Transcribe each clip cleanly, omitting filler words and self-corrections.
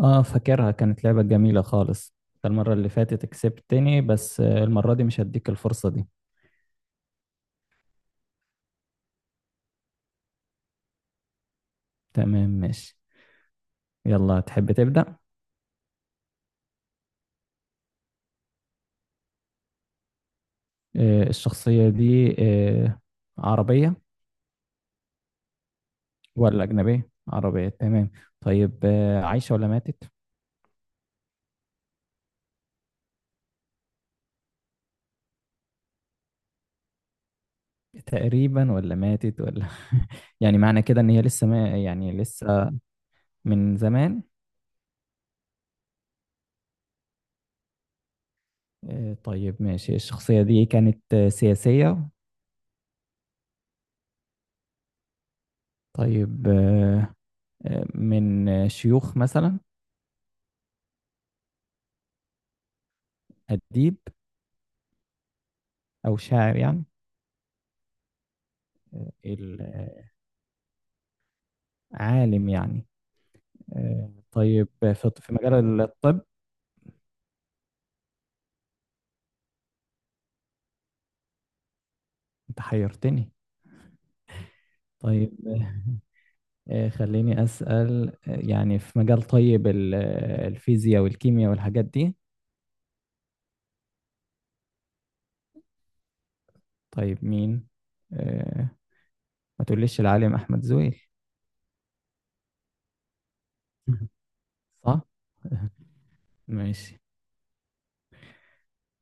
اه فاكرها كانت لعبة جميلة خالص. أنت المرة اللي فاتت كسبتني، بس المرة دي مش هديك الفرصة دي. تمام ماشي. يلا تحب تبدأ؟ الشخصية دي عربية ولا أجنبية؟ عربية تمام. طيب، عايشة ولا ماتت؟ تقريبا ولا ماتت ولا؟ يعني معنى كده إن هي لسه، ما يعني لسه من زمان. طيب ماشي. الشخصية دي كانت سياسية؟ طيب آه، آه، من آه، شيوخ مثلا؟ أديب أو شاعر يعني؟ ال- عالم يعني؟ طيب في مجال الطب؟ أنت حيرتني. طيب خليني أسأل، يعني في مجال، طيب الفيزياء والكيمياء والحاجات دي؟ طيب مين؟ آه، ما تقوليش العالم أحمد زويل؟ صح؟ ماشي.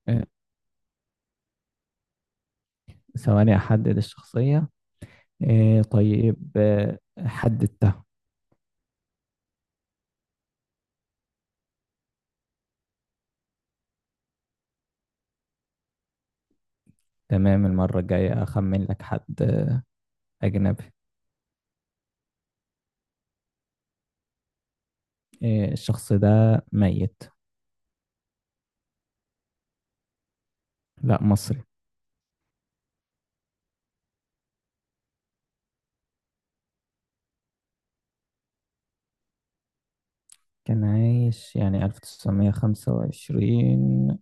آه، ثواني أحدد الشخصية. طيب حددتها. تمام، المرة الجاية أخمن لك حد أجنبي. إيه، الشخص ده ميت. لا مصري. كان عايش يعني 1925.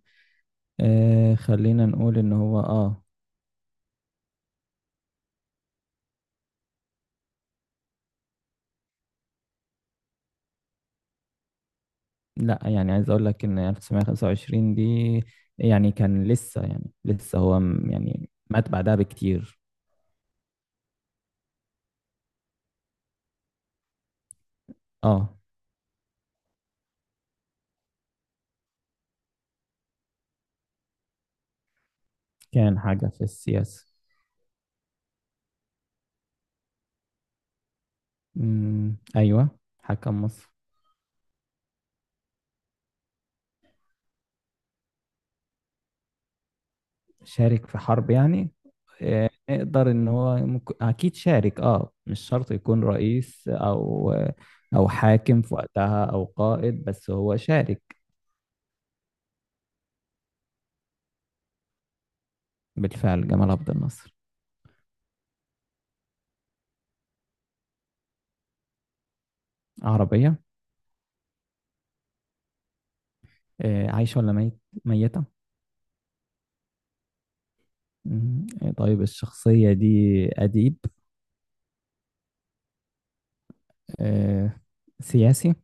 آه خلينا نقول ان هو اه، لا يعني عايز اقول لك ان 1925 دي يعني كان لسه، يعني لسه هو يعني مات بعدها بكتير. اه كان حاجة في السياسة. مم، ايوه حكم مصر. شارك في حرب يعني؟ نقدر ان هو ممكن، اكيد شارك. اه مش شرط يكون رئيس او او حاكم في وقتها او قائد، بس هو شارك. بالفعل جمال عبد الناصر. عربية. عايشة ولا ميت؟ ميتة. مم. طيب الشخصية دي أديب؟ آه، سياسي.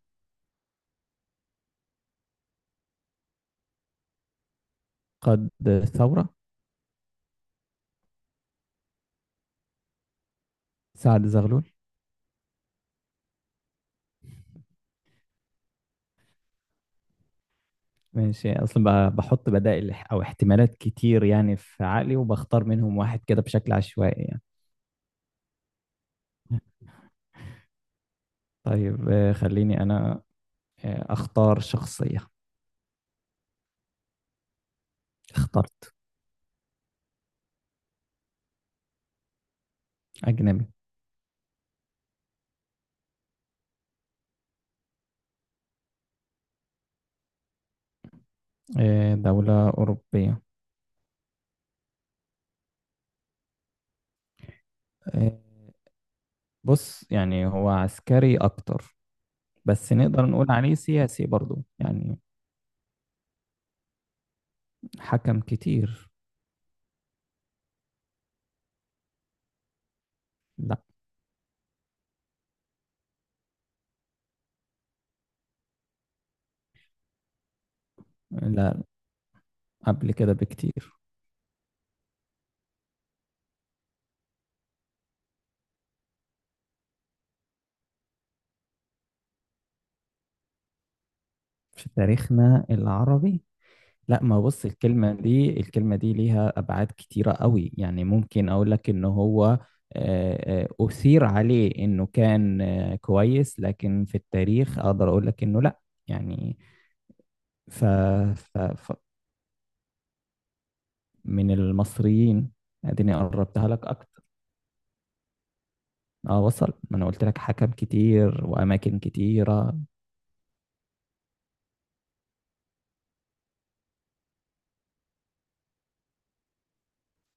قاد ثورة. سعد زغلول. ماشي، اصلا بحط بدائل او احتمالات كتير يعني في عقلي، وبختار منهم واحد كده بشكل عشوائي يعني. طيب خليني أنا أختار شخصية. اخترت. أجنبي. دولة أوروبية. آه، بص يعني هو عسكري أكتر، بس نقدر نقول عليه سياسي برضو يعني. حكم كتير. لا. لا قبل كده بكتير. في تاريخنا العربي. لا، ما بص، الكلمة دي، الكلمة دي ليها أبعاد كتيرة قوي يعني. ممكن أقول لك إن هو أثير عليه إنه كان كويس، لكن في التاريخ أقدر أقول لك إنه لا يعني. ف... ف... ف... من المصريين. أديني قربتها لك أكتر. أه وصل، ما أنا قلت لك حكم كتير وأماكن كتيرة.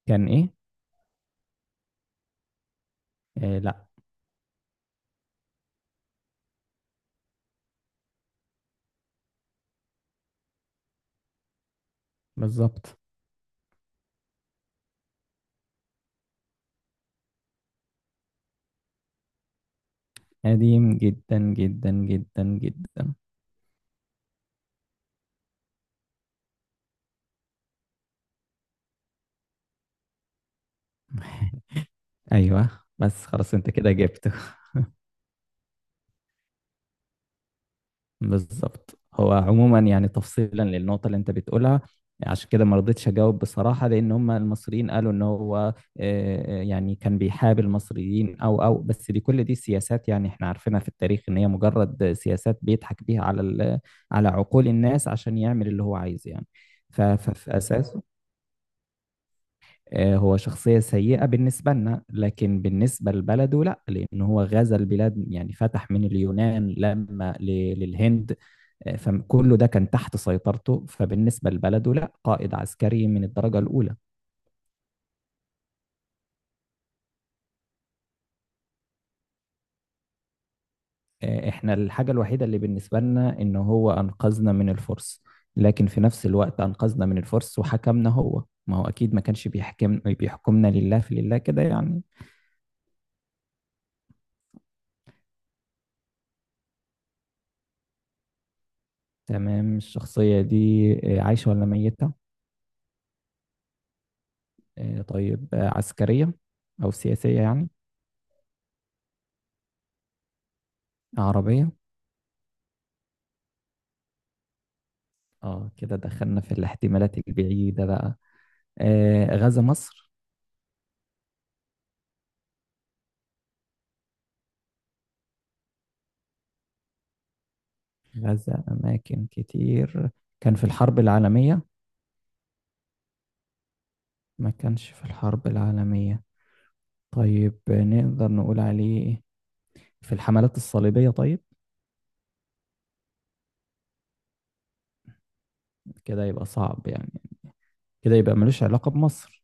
كان إيه؟ آه لا. بالظبط. قديم جدا جدا جدا جدا. أيوه، بس خلاص أنت كده جبته. بالظبط. هو عموما يعني تفصيلا للنقطة اللي انت بتقولها، عشان كده ما رضيتش اجاوب بصراحة. لان هم المصريين قالوا ان هو يعني كان بيحاب المصريين او بس دي، كل دي سياسات يعني. احنا عارفينها في التاريخ ان هي مجرد سياسات بيضحك بيها على على عقول الناس عشان يعمل اللي هو عايزه يعني. ففي اساس هو شخصية سيئة بالنسبة لنا، لكن بالنسبة لبلده لا، لأنه هو غزا البلاد. يعني فتح من اليونان لما للهند. فكله ده كان تحت سيطرته، فبالنسبة لبلده لا، قائد عسكري من الدرجة الأولى. احنا الحاجة الوحيدة اللي بالنسبة لنا إن هو أنقذنا من الفرس، لكن في نفس الوقت أنقذنا من الفرس وحكمنا. هو ما هو أكيد ما كانش بيحكمنا لله في لله كده يعني. تمام. الشخصية دي عايشة ولا ميتة؟ طيب عسكرية أو سياسية يعني؟ عربية. اه كده دخلنا في الاحتمالات البعيدة بقى. غزا مصر؟ غزا أماكن كتير. كان في الحرب العالمية؟ ما كانش في الحرب العالمية. طيب نقدر نقول عليه في الحملات الصليبية، طيب؟ كده يبقى صعب يعني. كده يبقى ملوش علاقة بمصر.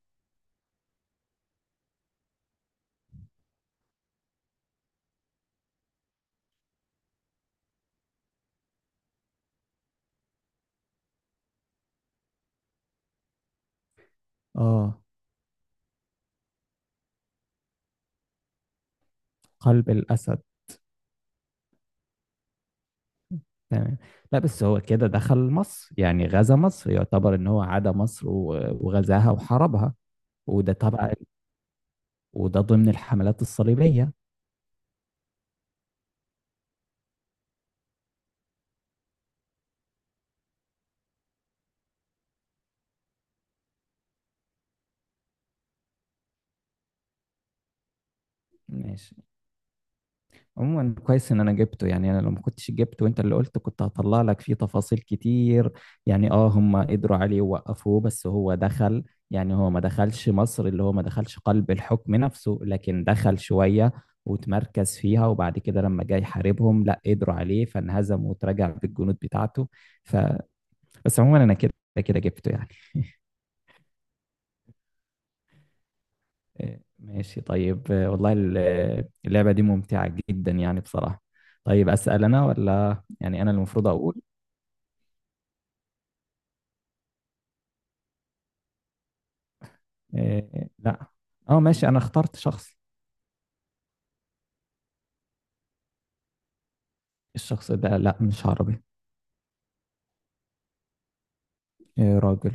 اه. قلب الأسد. تمام. لا بس هو كده دخل مصر يعني غزا مصر، يعتبر ان هو عدا مصر وغزاها وحاربها، وده طبعا وده ضمن الحملات الصليبية. ماشي. عموما كويس ان انا جبته، يعني انا لو ما كنتش جبته وانت اللي قلت كنت هطلع لك فيه تفاصيل كتير. يعني اه هم قدروا عليه ووقفوه، بس هو دخل. يعني هو ما دخلش مصر، اللي هو ما دخلش قلب الحكم نفسه، لكن دخل شوية وتمركز فيها، وبعد كده لما جاي يحاربهم لا قدروا عليه فانهزم وتراجع بالجنود بتاعته. ف، بس عموما انا كده كده جبته يعني. ماشي. طيب والله اللعبة دي ممتعة جدا يعني بصراحة. طيب أسأل أنا ولا يعني أنا المفروض أقول إيه؟ لا أه ماشي، أنا اخترت شخص. الشخص ده لا، مش عربي. إيه راجل.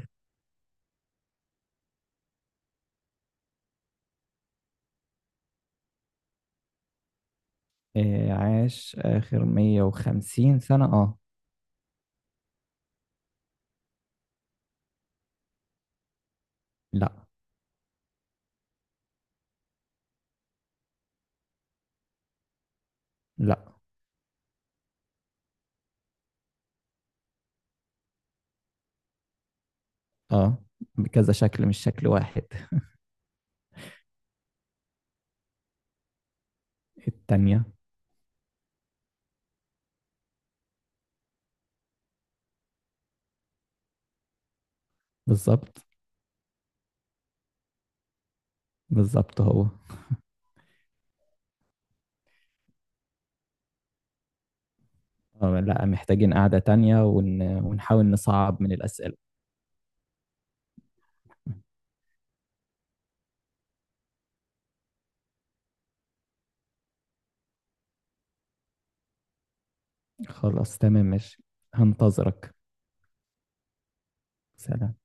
إيه عاش آخر 150 سنة أه. لا. لا. أه بكذا شكل، مش شكل واحد. التانية. بالظبط. بالظبط هو. أه لا، محتاجين قعدة تانية ونحاول نصعب من الأسئلة. خلاص تمام ماشي. هنتظرك. سلام.